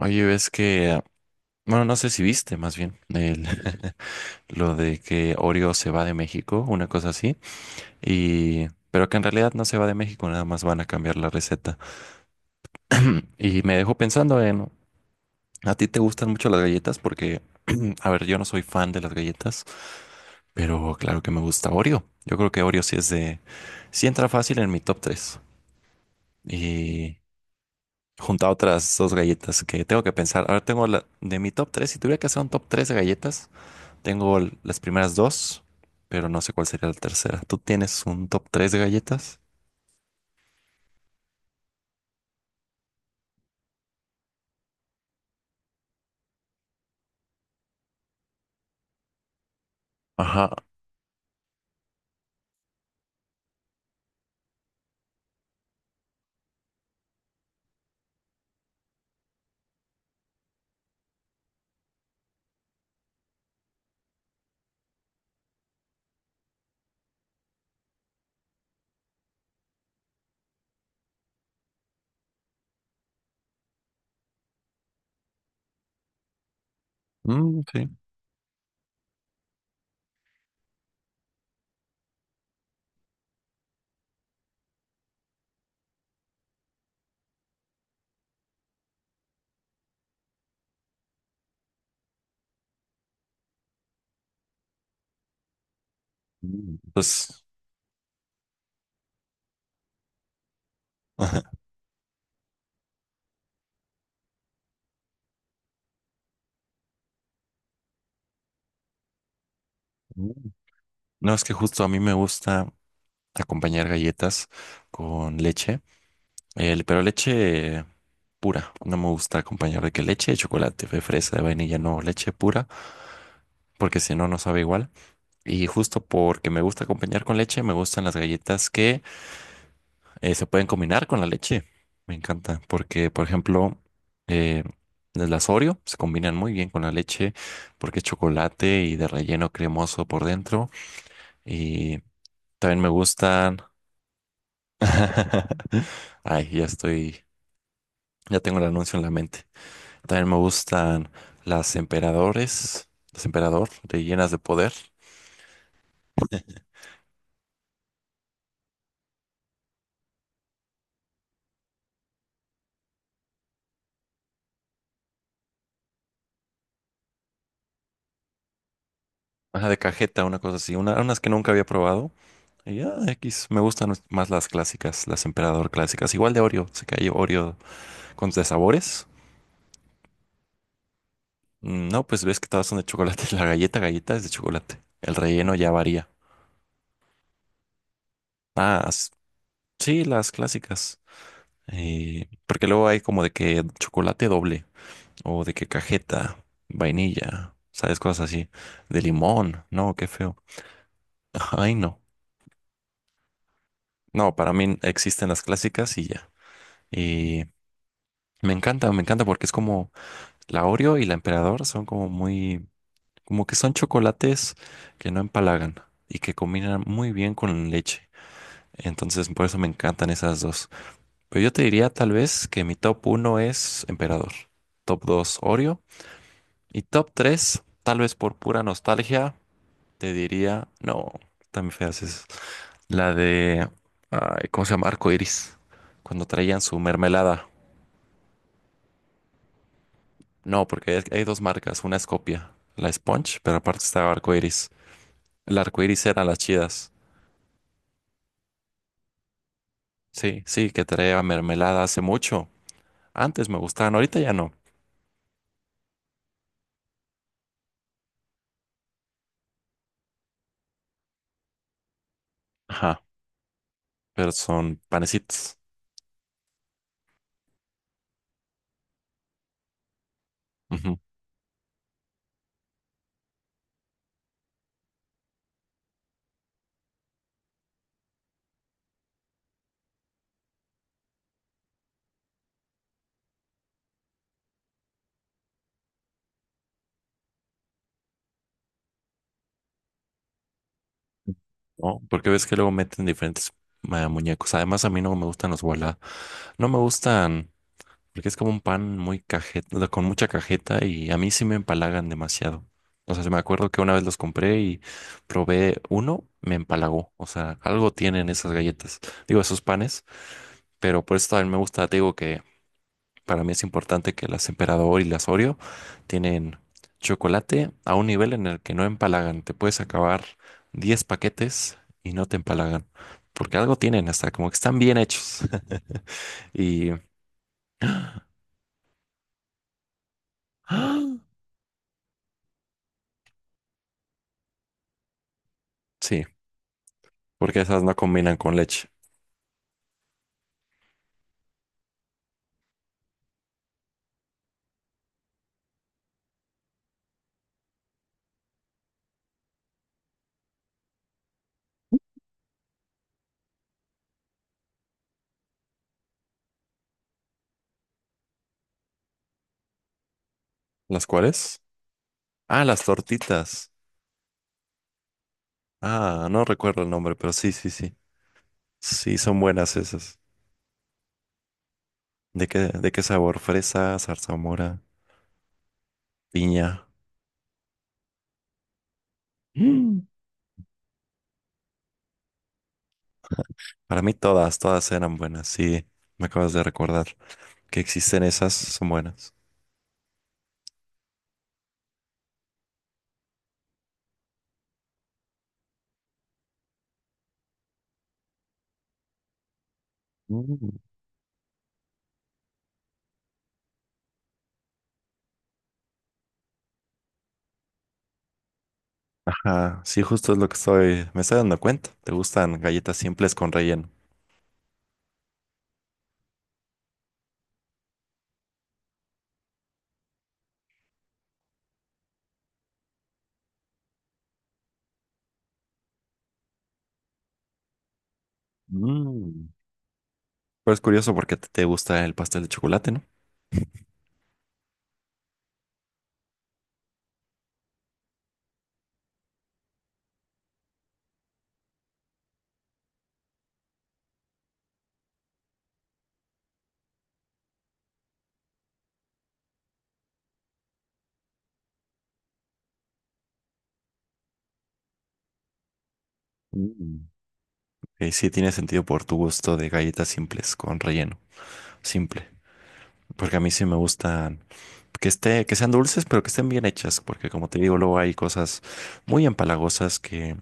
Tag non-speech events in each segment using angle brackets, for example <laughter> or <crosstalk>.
Oye, ves que, bueno, no sé si viste más bien <laughs> lo de que Oreo se va de México, una cosa así, pero que en realidad no se va de México, nada más van a cambiar la receta. <clears throat> Y me dejó pensando en, ¿a ti te gustan mucho las galletas? Porque, <clears throat> a ver, yo no soy fan de las galletas, pero claro que me gusta Oreo. Yo creo que Oreo sí entra fácil en mi top tres. Y junto a otras dos galletas que tengo que pensar, ahora de mi top 3 si tuviera que hacer un top 3 de galletas. Tengo las primeras dos, pero no sé cuál sería la tercera. ¿Tú tienes un top 3 de galletas? Ajá. Mm, sí. Mm. Pues, ajá. Mm. No, es que justo a mí me gusta acompañar galletas con leche, pero leche pura. No me gusta acompañar de que leche de chocolate, de fresa, de vainilla, no, leche pura, porque si no, no sabe igual. Y justo porque me gusta acompañar con leche, me gustan las galletas que se pueden combinar con la leche. Me encanta, porque, por ejemplo, eh, las Oreo se combinan muy bien con la leche porque es chocolate y de relleno cremoso por dentro. Y también me gustan. <laughs> Ay, ya tengo el anuncio en la mente. También me gustan las emperador de llenas de poder. Ajá, de cajeta, una cosa así, unas que nunca había probado. Y ya, X, me gustan más las clásicas, las emperador clásicas. Igual de Oreo, sé que hay Oreo. Con de sabores. Mm, no, pues ves que todas son de chocolate. <laughs> La galleta, galleta es de chocolate. El relleno ya varía. Ah, sí, las clásicas. Porque luego hay como de que chocolate doble o de que cajeta, vainilla, sabes, cosas así. De limón. No, qué feo. <laughs> Ay, no. No, para mí existen las clásicas y ya. Y me encanta porque es como la Oreo y la Emperador son como muy. Como que son chocolates que no empalagan y que combinan muy bien con leche. Entonces, por eso me encantan esas dos. Pero yo te diría tal vez que mi top uno es Emperador, top 2 Oreo y top 3 tal vez por pura nostalgia, te diría, no, también feas es la de, ay, ¿cómo se llama? Arco Iris, cuando traían su mermelada. No, porque hay dos marcas, una es copia, la Sponge, pero aparte estaba Arco Iris. El Arco Iris eran las chidas. Sí, sí, que traía mermelada hace mucho. Antes me gustaban, ahorita ya no. Ajá, pero son panecitos. Ujú. ¿No? Porque ves que luego meten diferentes muñecos. Además, a mí no me gustan los voilà. No me gustan porque es como un pan muy cajeta, con mucha cajeta y a mí sí me empalagan demasiado. O sea, se me acuerdo que una vez los compré y probé uno, me empalagó. O sea, algo tienen esas galletas, digo, esos panes, pero por eso también me gusta, te digo que para mí es importante que las Emperador y las Oreo tienen chocolate a un nivel en el que no empalagan. Te puedes acabar 10 paquetes y no te empalagan, porque algo tienen hasta como que están bien hechos. <laughs> Y ¡Ah! Sí, porque esas no combinan con leche. ¿Las cuáles? Ah, las tortitas. Ah, no recuerdo el nombre, pero sí, sí, sí. Sí, son buenas esas. ¿De qué sabor? Fresa, zarzamora, piña. Mm. Para mí todas, todas eran buenas, sí, me acabas de recordar que existen esas, son buenas. Mm. Ajá, sí, justo es lo que me estoy dando cuenta. Te gustan galletas simples con relleno. Mm. Pero es curioso porque te gusta el pastel de chocolate, ¿no? Mm. Y sí, tiene sentido por tu gusto de galletas simples con relleno, simple. Porque a mí sí me gustan que sean dulces, pero que estén bien hechas, porque como te digo, luego hay cosas muy empalagosas que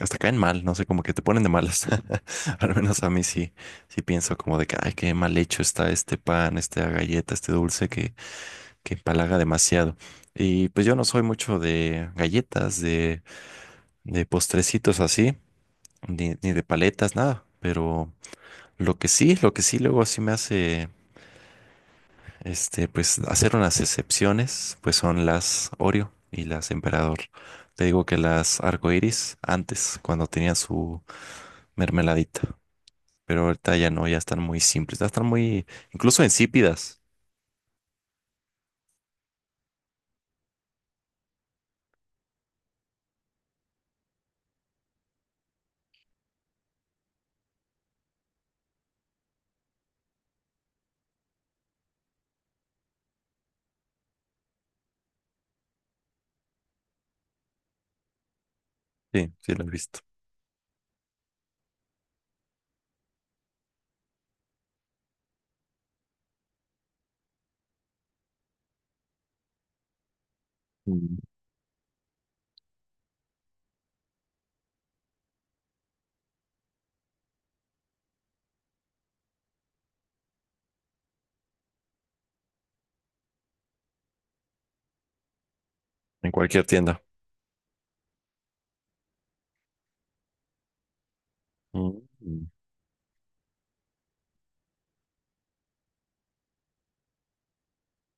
hasta caen mal, no sé, como que te ponen de malas. <laughs> Al menos a mí sí, pienso como de que, ay, qué mal hecho está este pan, esta galleta, este dulce que empalaga demasiado. Y pues yo no soy mucho de galletas, de postrecitos así, ni de paletas, nada. Pero lo que sí luego sí me hace, pues hacer unas excepciones, pues son las Oreo y las Emperador. Te digo que las arcoíris antes, cuando tenían su mermeladita. Pero ahorita ya no, ya están muy simples, ya están muy, incluso insípidas. Sí, sí, lo he visto. Mm. En cualquier tienda. Mm. Mm,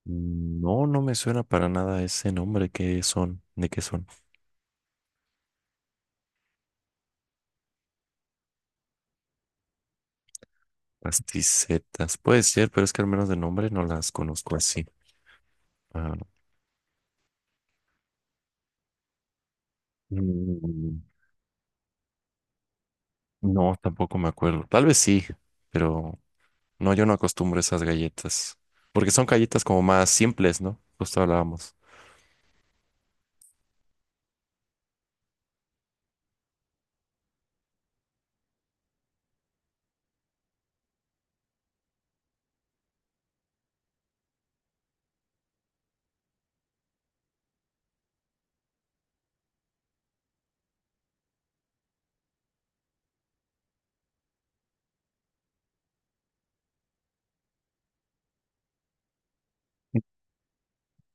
mm, no, no me suena para nada ese nombre. ¿Qué son? ¿De qué son? Pasticetas. Puede ser, pero es que al menos de nombre no las conozco así. Ah, mm, no, tampoco me acuerdo. Tal vez sí, pero no, yo no acostumbro a esas galletas. Porque son galletas como más simples, ¿no? Justo hablábamos.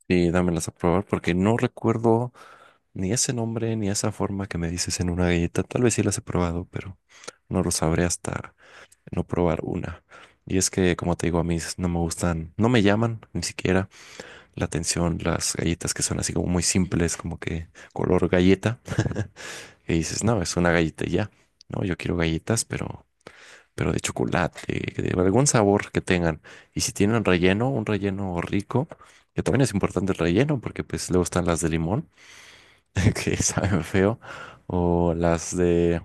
Sí, dámelas a probar porque no recuerdo. Ni ese nombre, ni esa forma que me dices en una galleta, tal vez sí las he probado, pero no lo sabré hasta no probar una. Y es que, como te digo, a mí no me gustan, no me llaman ni siquiera la atención las galletas que son así como muy simples, como que color galleta, que dices, no, es una galleta y ya. No, yo quiero galletas, pero de chocolate, que de algún sabor que tengan. Y si tienen relleno, un relleno rico, que también es importante el relleno, porque pues luego están las de limón <laughs> que saben feo, o las de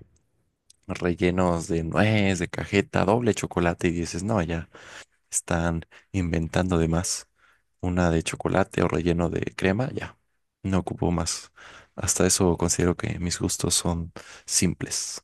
rellenos de nuez, de cajeta, doble chocolate, y dices, no, ya están inventando de más. Una de chocolate o relleno de crema, ya, no ocupo más. Hasta eso considero que mis gustos son simples.